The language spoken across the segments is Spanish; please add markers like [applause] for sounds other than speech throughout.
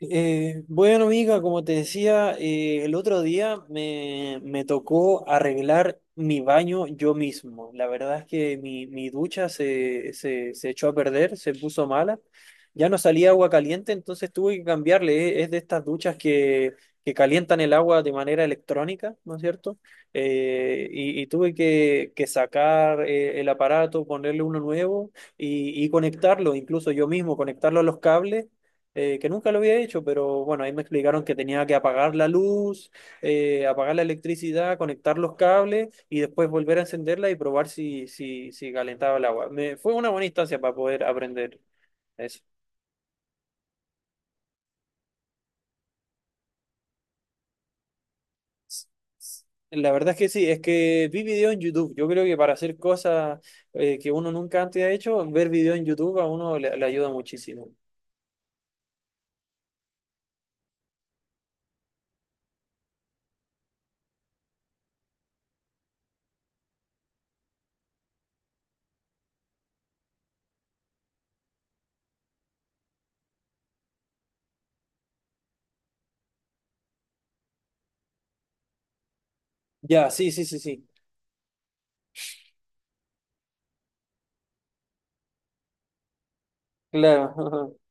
Bueno, Amiga, como te decía, el otro día me tocó arreglar mi baño yo mismo. La verdad es que mi ducha se echó a perder, se puso mala. Ya no salía agua caliente, entonces tuve que cambiarle. Es de estas duchas que calientan el agua de manera electrónica, ¿no es cierto? Y tuve que sacar el aparato, ponerle uno nuevo y conectarlo, incluso yo mismo, conectarlo a los cables que nunca lo había hecho, pero bueno, ahí me explicaron que tenía que apagar la luz, apagar la electricidad, conectar los cables y después volver a encenderla y probar si calentaba el agua. Fue una buena instancia para poder aprender eso. La verdad es que sí, es que vi video en YouTube. Yo creo que para hacer cosas que uno nunca antes ha hecho, ver video en YouTube a uno le ayuda muchísimo. Ya, sí, sí, sí, sí. Claro. [laughs]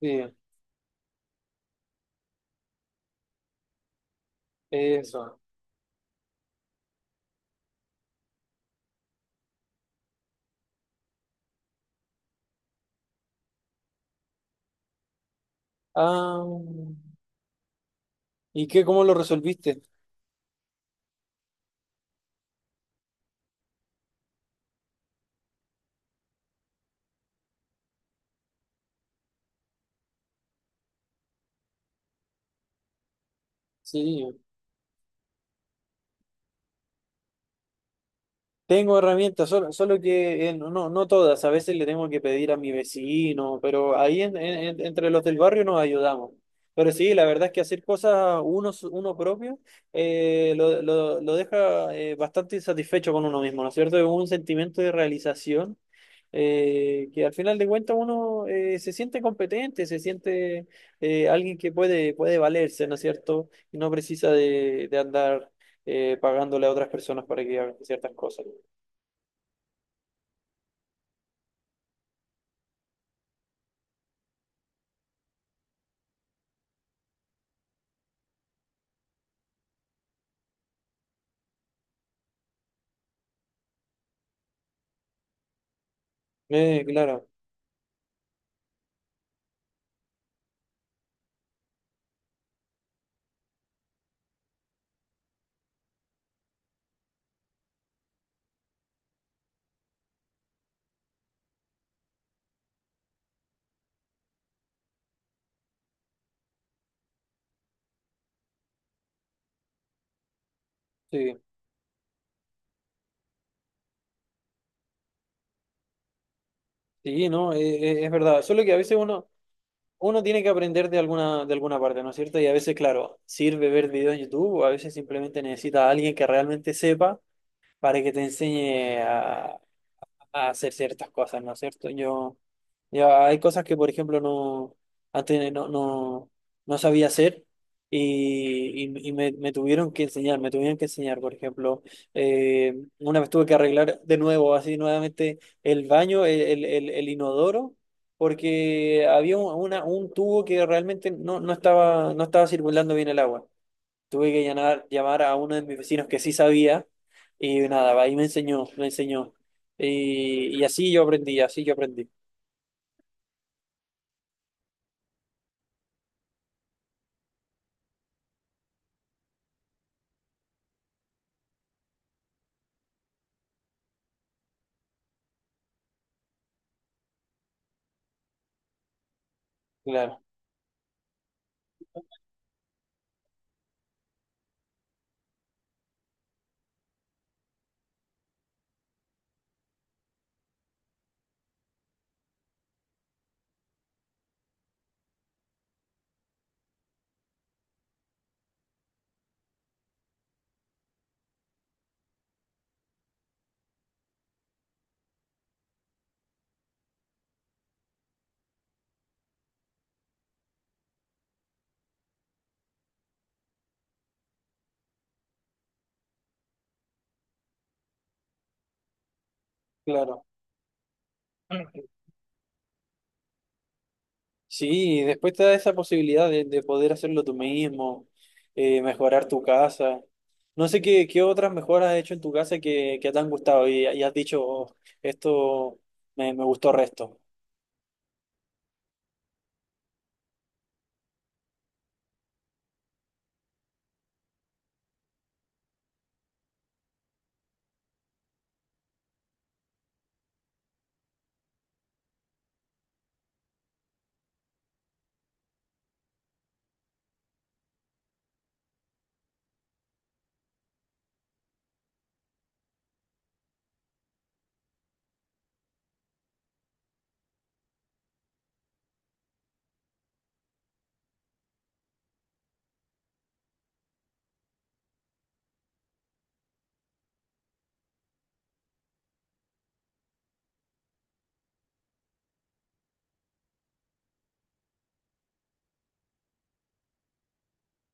Sí, eso. Ah, ¿y qué, cómo lo resolviste? Sí. Tengo herramientas, solo que no, no todas, a veces le tengo que pedir a mi vecino, pero ahí entre los del barrio nos ayudamos. Pero sí, la verdad es que hacer cosas uno, uno propio lo, lo deja bastante insatisfecho con uno mismo, ¿no es cierto? Es un sentimiento de realización que al final de cuentas uno se siente competente, se siente alguien que puede, puede valerse, ¿no es cierto? Y no precisa de andar pagándole a otras personas para que hagan ciertas cosas. Claro, sí, sí, no, es verdad. Solo que a veces uno, uno tiene que aprender de alguna parte, ¿no es cierto? Y a veces, claro, sirve ver videos en YouTube, o a veces simplemente necesita a alguien que realmente sepa para que te enseñe a hacer ciertas cosas, ¿no es cierto? Yo, ya hay cosas que, por ejemplo, no, antes no sabía hacer y me tuvieron que enseñar, me tuvieron que enseñar, por ejemplo, una vez tuve que arreglar de nuevo, así nuevamente, el baño, el inodoro, porque había un tubo que realmente no, no estaba, no estaba circulando bien el agua. Tuve que llamar, llamar a uno de mis vecinos que sí sabía y nada, ahí me enseñó, me enseñó. Y así yo aprendí, así yo aprendí. Claro, claro. Sí, y después te da esa posibilidad de poder hacerlo tú mismo, mejorar tu casa. No sé qué, qué otras mejoras has hecho en tu casa que te han gustado y has dicho, "Oh, esto me gustó resto".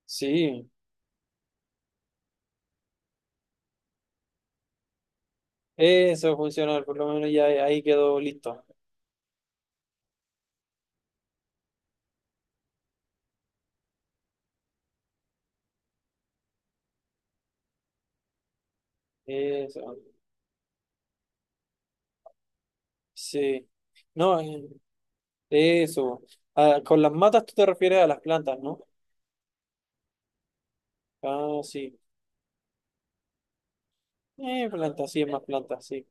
Sí, eso funcionó, por lo menos ya ahí quedó listo. Eso, sí. No, eso. Ah, con las matas tú te refieres a las plantas, ¿no? Ah, sí. Plantas, sí, es más plantas, sí.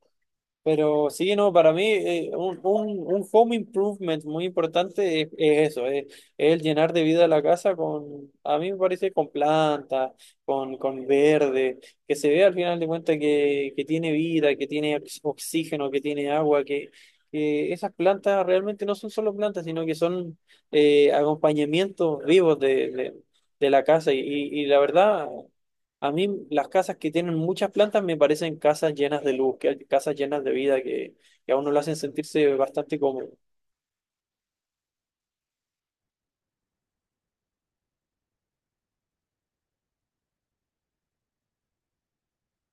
Pero sí, no, para mí un home improvement muy importante es eso, es el llenar de vida la casa con, a mí me parece, con plantas, con verde, que se vea al final de cuentas que tiene vida, que tiene oxígeno, que tiene agua, que esas plantas realmente no son solo plantas, sino que son acompañamientos vivos de la casa. Y la verdad, a mí las casas que tienen muchas plantas me parecen casas llenas de luz, casas llenas de vida que a uno lo hacen sentirse bastante cómodo.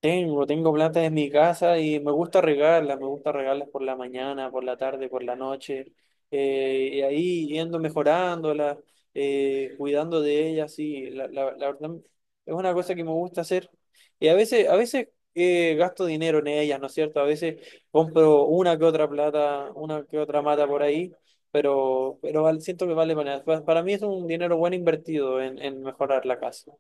Tengo, tengo plantas en mi casa y me gusta regarlas por la mañana, por la tarde, por la noche, y ahí yendo mejorándolas, cuidando de ellas, sí, la, la verdad es una cosa que me gusta hacer. Y a veces gasto dinero en ellas, ¿no es cierto? A veces compro una que otra plata, una que otra mata por ahí, pero, siento que vale para nada. Para mí es un dinero bueno invertido en mejorar la casa.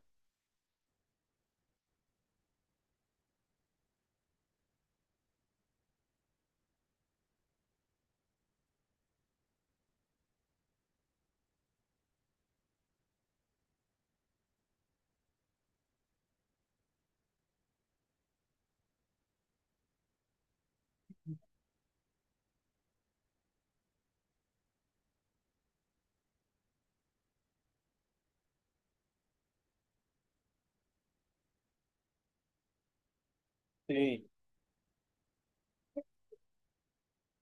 Sí.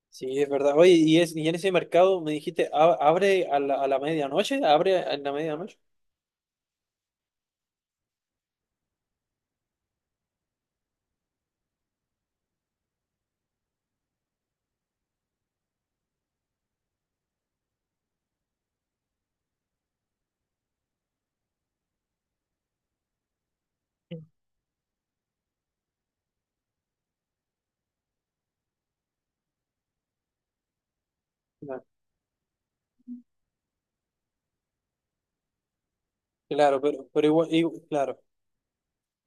Sí, es verdad. Oye, y, es, y en ese mercado me dijiste, "A- "abre a la medianoche, abre a la medianoche". No, claro, pero, claro,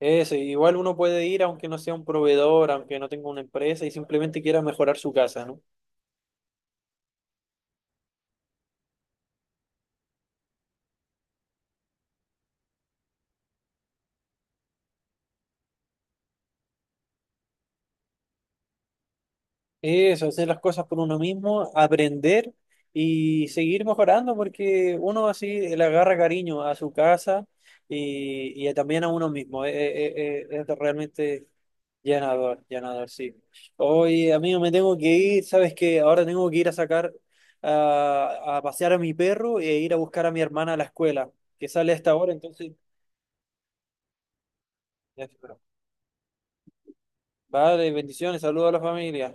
eso, igual uno puede ir aunque no sea un proveedor, aunque no tenga una empresa y simplemente quiera mejorar su casa, ¿no? Eso, hacer las cosas por uno mismo, aprender y seguir mejorando porque uno así le agarra cariño a su casa y también a uno mismo. Es realmente llenador, llenador, sí. Hoy, amigo, me tengo que ir, sabes que ahora tengo que ir a sacar a pasear a mi perro e ir a buscar a mi hermana a la escuela, que sale a esta hora, entonces. ya, pero- Vale, bendiciones, saludos a la familia.